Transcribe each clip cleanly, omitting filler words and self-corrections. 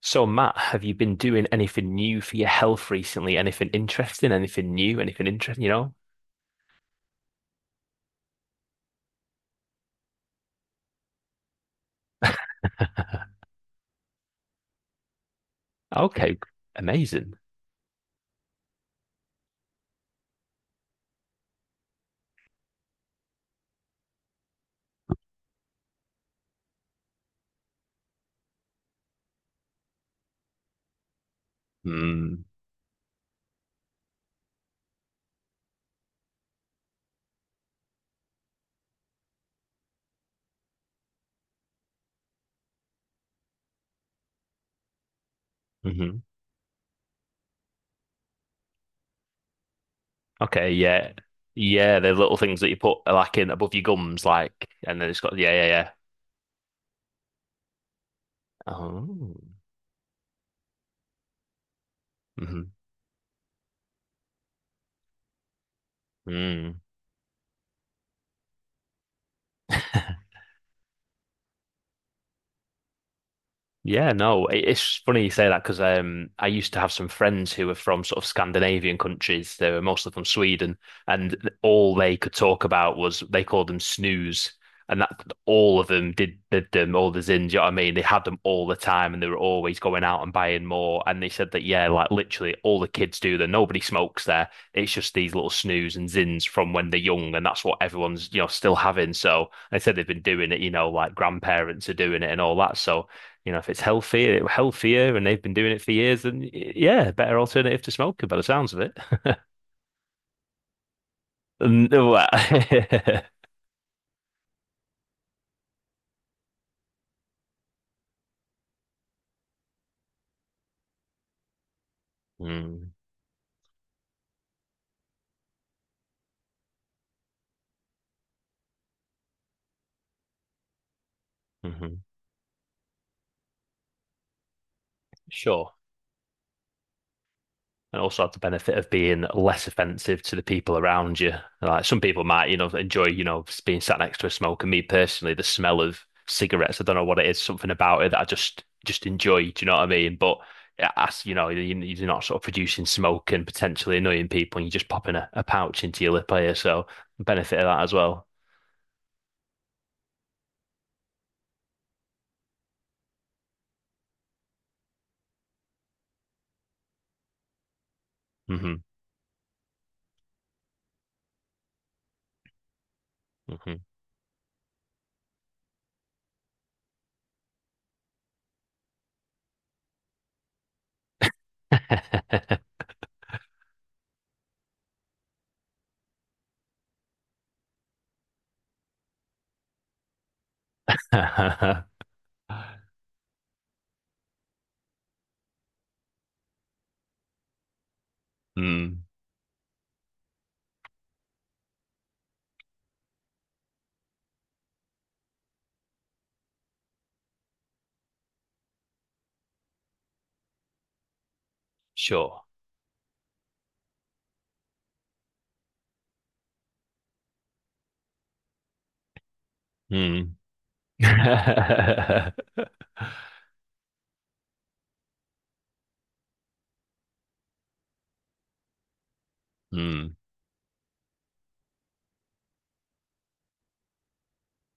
So, Matt, have you been doing anything new for your health recently? Anything interesting? Anything new? Anything interesting? You know? Okay, amazing. Mm. Hmm. Mm-hmm. Okay, yeah, yeah. The little things that you put like in above your gums, like, and then it's got, yeah, yeah, yeah. Oh. Hmm. Mm. Yeah, no, it's funny you say that because I used to have some friends who were from sort of Scandinavian countries. They were mostly from Sweden, and all they could talk about was they called them snooze, and that all of them did them, all the zins. You know what I mean? They had them all the time, and they were always going out and buying more. And they said that, yeah, like literally all the kids do that. Nobody smokes there. It's just these little snooze and zins from when they're young, and that's what everyone's still having. So they said they've been doing it. You know, like grandparents are doing it and all that. So. You know, if it's healthier, healthier, and they've been doing it for years, then yeah, better alternative to smoking by the sounds of it. Mm. Mhm. Sure. And also have the benefit of being less offensive to the people around you. Like, some people might, enjoy, being sat next to a smoker. Me personally, the smell of cigarettes, I don't know what it is, something about it that I just enjoy. Do you know what I mean? But as you know, you- are not sort of producing smoke and potentially annoying people, and you're just popping a pouch into your lip here. So benefit of that as well. Hmm. Hmm. Mm. Sure. Mm. Mm.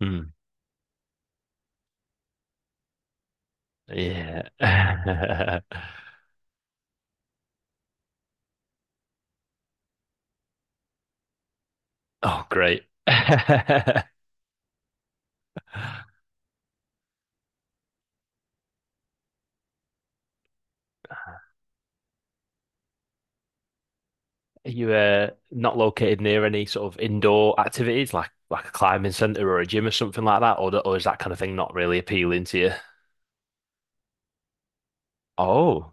Mm. Yeah. Oh, great. Are you not located near any sort of indoor activities like a climbing center or a gym or something like that, or is that kind of thing not really appealing to you? Oh.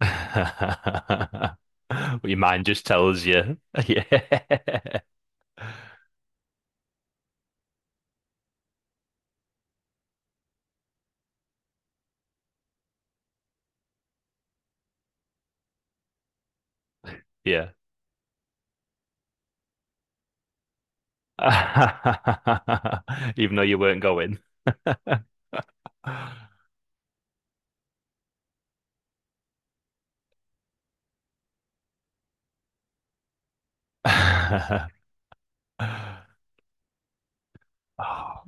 Well, your mind just tells you. Yeah. Yeah. Even though you weren't going. Oh.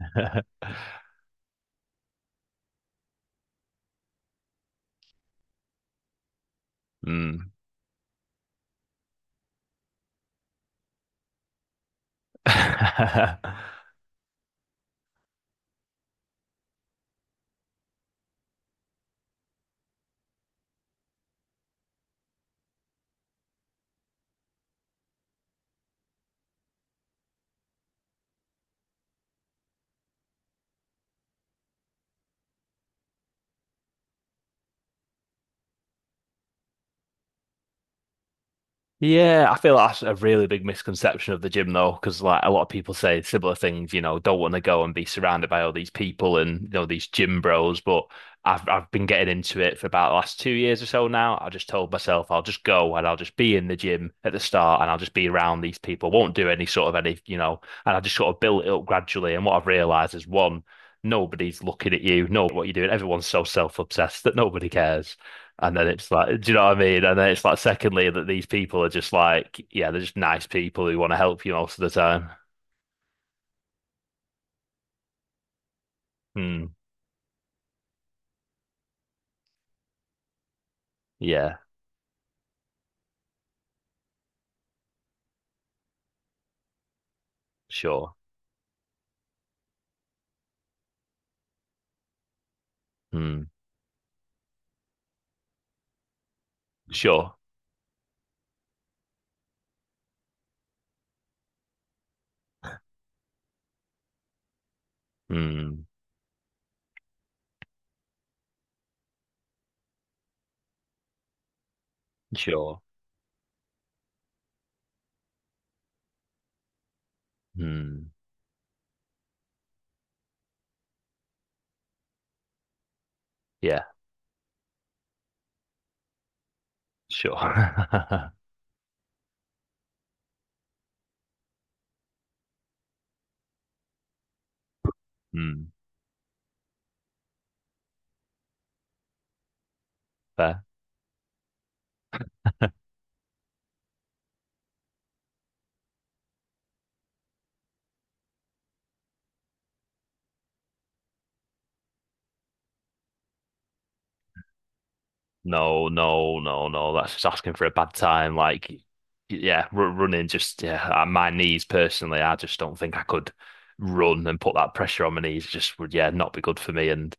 Hmm. Yeah, I feel like that's a really big misconception of the gym though, because like a lot of people say similar things, you know, don't want to go and be surrounded by all these people and you know these gym bros. But I've been getting into it for about the last 2 years or so now. I just told myself I'll just go and I'll just be in the gym at the start and I'll just be around these people. Won't do any sort of any, you know, and I just sort of built it up gradually. And what I've realized is, one, nobody's looking at you, know what you're doing. Everyone's so self-obsessed that nobody cares. And then it's like, do you know what I mean? And then it's like, secondly, that these people are just like, yeah, they're just nice people who want to help you most of the time. Hmm. Yeah. Sure. Hmm. Sure. Hmm. Sure. Hmm. Yeah. Sure. Hmm. Fair. No, no, no, no. That's just asking for a bad time. Like, yeah, r running just, yeah. My knees personally, I just don't think I could run and put that pressure on my knees. Just would, yeah, not be good for me. And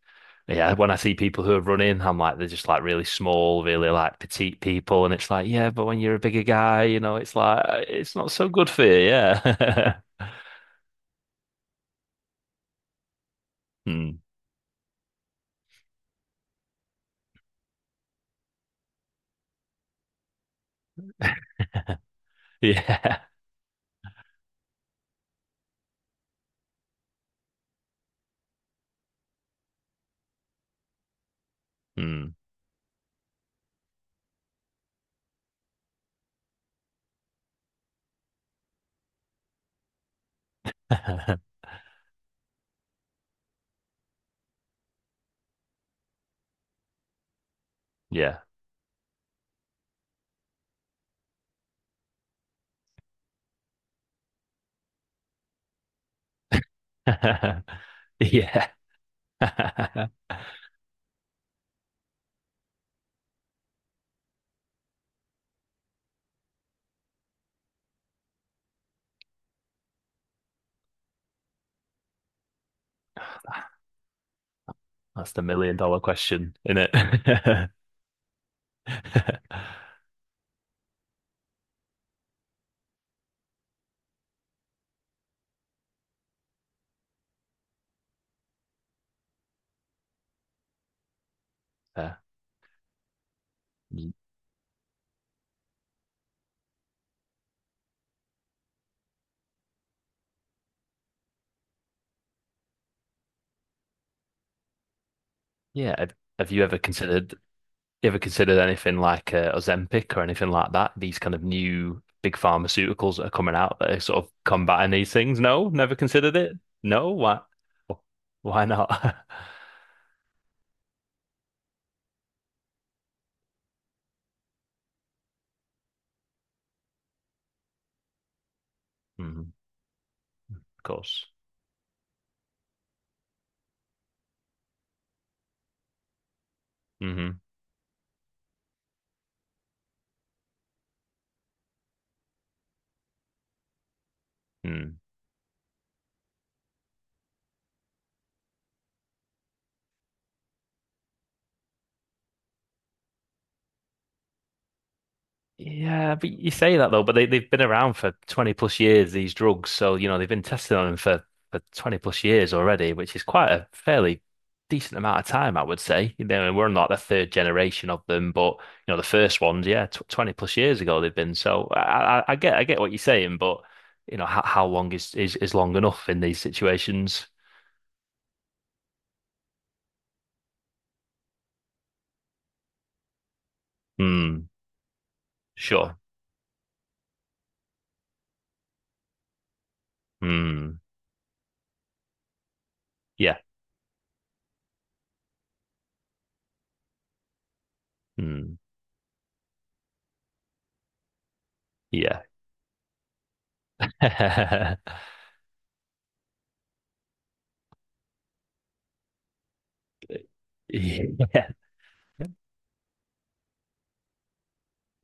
yeah, when I see people who are running, I'm like they're just like really small, really like petite people, and it's like yeah, but when you're a bigger guy, you know, it's like it's not so good for you. Yeah. Hmm. Yeah. Hmm. Yeah. Yeah. That's the million dollar question, isn't it? Uh, yeah. Have you ever considered, anything like Ozempic or anything like that? These kind of new big pharmaceuticals that are coming out that are sort of combating these things? No, never considered it. No, why? Why not? Mhm, of course. Mm-hmm. Hmm. Yeah, but you say that though, but they've been around for 20 plus years, these drugs. So, you know, they've been testing on them for 20 plus years already, which is quite a fairly decent amount of time, I would say. You know, and we're not the third generation of them, but, you know, the first ones, yeah, tw 20 plus years ago they've been. So I get, what you're saying, but, you know, how long is, is long enough in these situations? Hmm, sure. Hmm, yeah. Hmm, yeah. Yeah.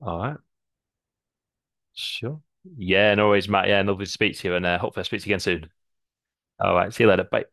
All right. Sure. Yeah, no worries, Matt. Yeah, lovely to speak to you, and hopefully I'll speak to you again soon. All right, see you later. Bye.